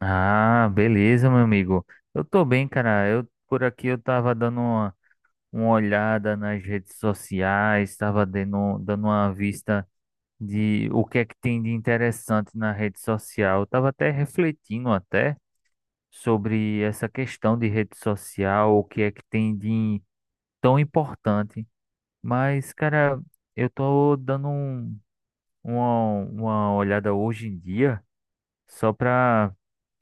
Ah, beleza, meu amigo. Eu tô bem, cara. Eu por aqui eu tava dando uma olhada nas redes sociais, tava dando uma vista de o que é que tem de interessante na rede social. Eu tava até refletindo até sobre essa questão de rede social, o que é que tem de tão importante. Mas, cara, eu tô dando uma olhada hoje em dia. Só para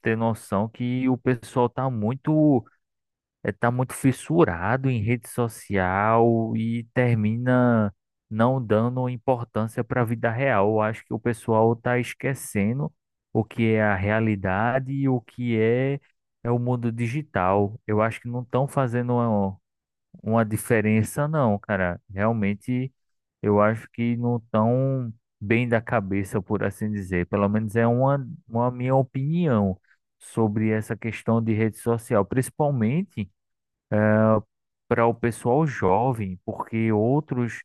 ter noção que o pessoal tá tá muito fissurado em rede social e termina não dando importância para a vida real. Eu acho que o pessoal tá esquecendo o que é a realidade e o que é o mundo digital. Eu acho que não estão fazendo uma diferença, não, cara. Realmente eu acho que não tão bem da cabeça, por assim dizer. Pelo menos é uma minha opinião sobre essa questão de rede social, principalmente para o pessoal jovem, porque outros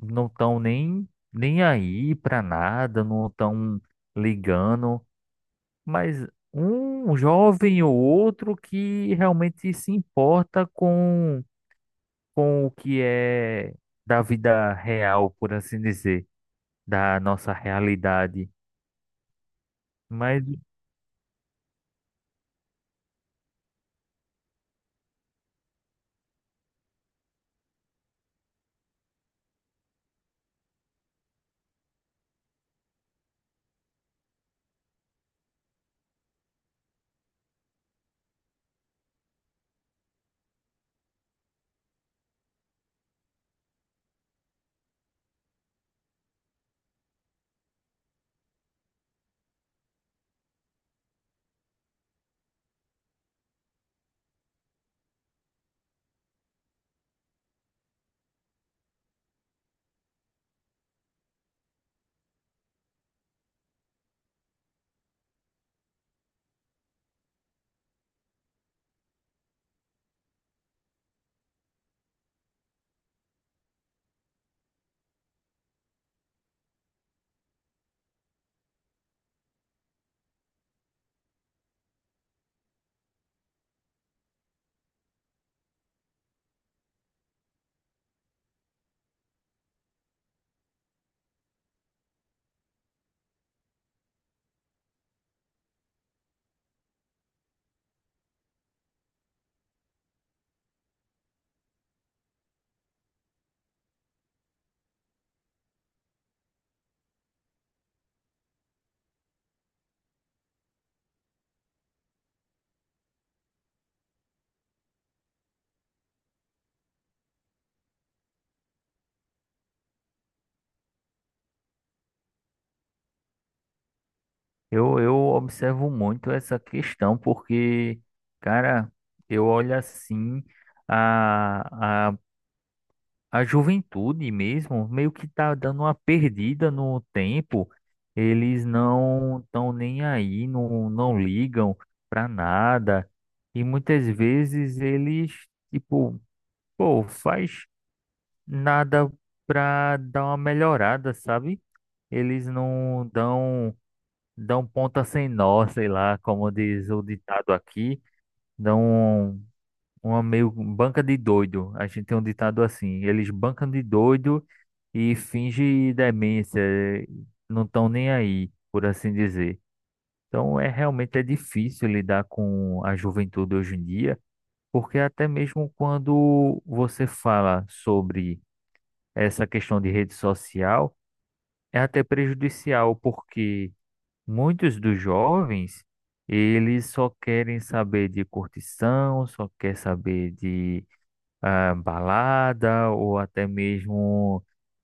não estão nem aí para nada, não estão ligando, mas um jovem ou outro que realmente se importa com o que é da vida real, por assim dizer. Da nossa realidade. Mas eu observo muito essa questão, porque, cara, eu olho assim a, a, a juventude mesmo, meio que tá dando uma perdida no tempo. Eles não estão nem aí, não ligam pra nada. E muitas vezes eles, tipo, pô, faz nada pra dar uma melhorada, sabe? Eles não dão ponta sem nó, sei lá, como diz o ditado aqui, dão um, uma meio um banca de doido. A gente tem um ditado assim, eles bancam de doido e finge demência, não estão nem aí, por assim dizer. Então realmente é difícil lidar com a juventude hoje em dia, porque até mesmo quando você fala sobre essa questão de rede social, é até prejudicial, porque muitos dos jovens, eles só querem saber de curtição, só quer saber de ah, balada ou até mesmo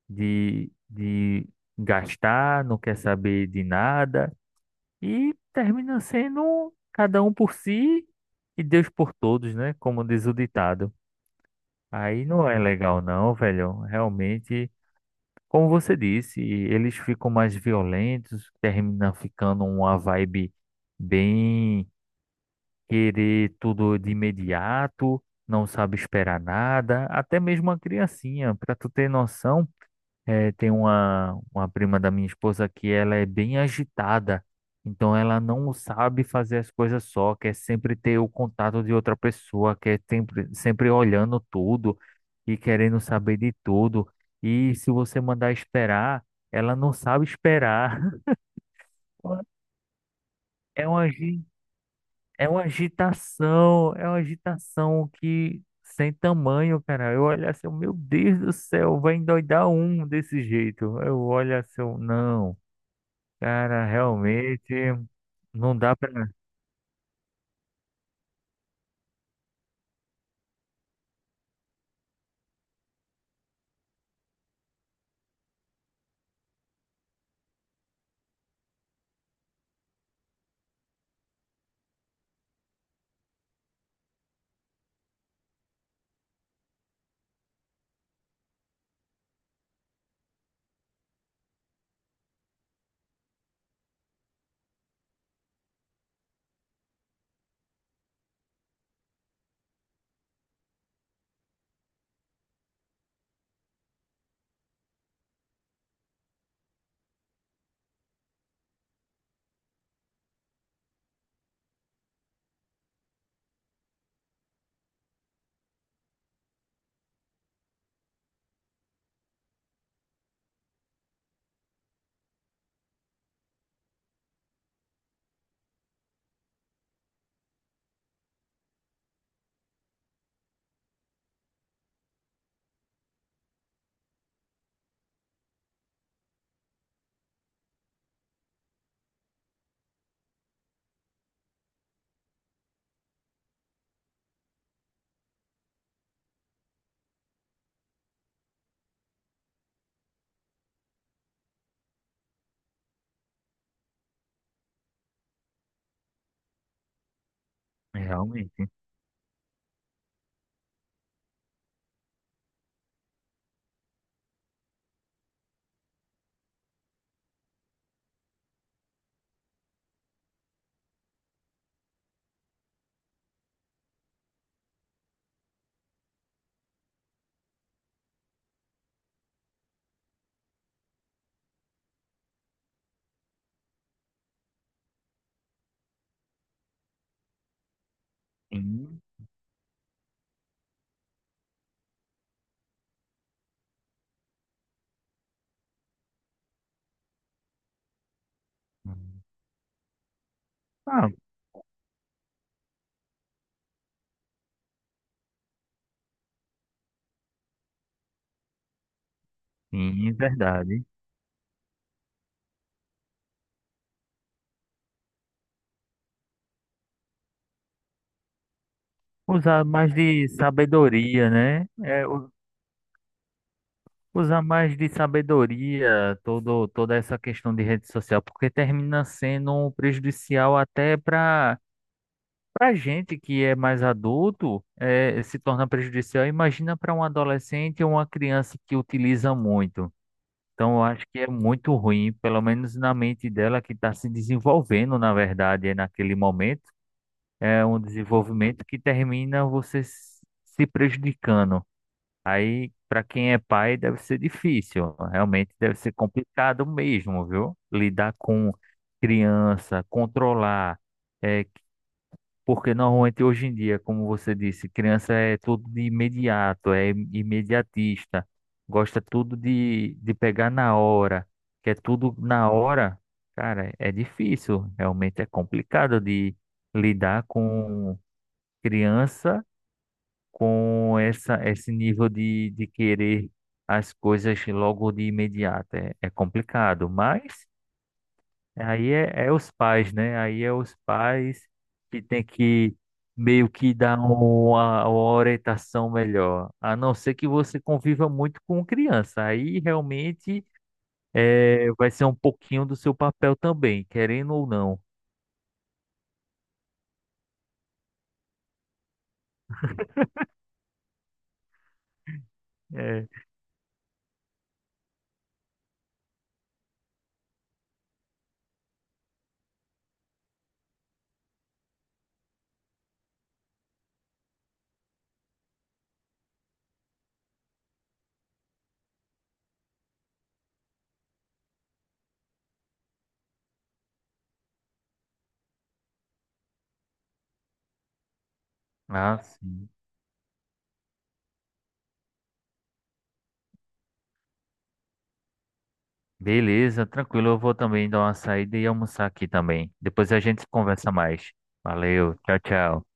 de gastar, não quer saber de nada e termina sendo cada um por si e Deus por todos, né? Como diz o ditado. Aí não é legal não, velho. Realmente como você disse, eles ficam mais violentos, termina ficando uma vibe bem querer tudo de imediato, não sabe esperar nada, até mesmo a criancinha, para tu ter noção. É, tem uma prima da minha esposa que ela é bem agitada, então ela não sabe fazer as coisas só, quer sempre ter o contato de outra pessoa, quer sempre olhando tudo e querendo saber de tudo. E se você mandar esperar, ela não sabe esperar. É uma, agi- é uma agitação que sem tamanho, cara. Eu olho assim, meu Deus do céu, vai endoidar um desse jeito. Eu olho assim, eu, não. Cara, realmente não dá pra. Realmente, sim. Ah, sim, verdade. Usar mais de sabedoria, né? Usar mais de sabedoria toda essa questão de rede social, porque termina sendo um prejudicial até para gente que é mais adulto, é, se torna prejudicial. Imagina para um adolescente ou uma criança que utiliza muito. Então, eu acho que é muito ruim, pelo menos na mente dela que está se desenvolvendo, na verdade, é naquele momento. É um desenvolvimento que termina se prejudicando. Aí, para quem é pai, deve ser difícil. Realmente deve ser complicado mesmo, viu? Lidar com criança, controlar. É, porque normalmente hoje em dia, como você disse, criança é tudo de imediato, é imediatista, gosta tudo de pegar na hora, quer tudo na hora. Cara, é difícil, realmente é complicado de lidar com criança com esse nível de querer as coisas logo de imediato. É, é complicado, mas aí é os pais, né? Aí é os pais que tem que meio que dar uma orientação melhor. A não ser que você conviva muito com criança. Aí realmente é, vai ser um pouquinho do seu papel também, querendo ou não. É. Ah, sim. Beleza, tranquilo. Eu vou também dar uma saída e almoçar aqui também. Depois a gente conversa mais. Valeu, tchau, tchau.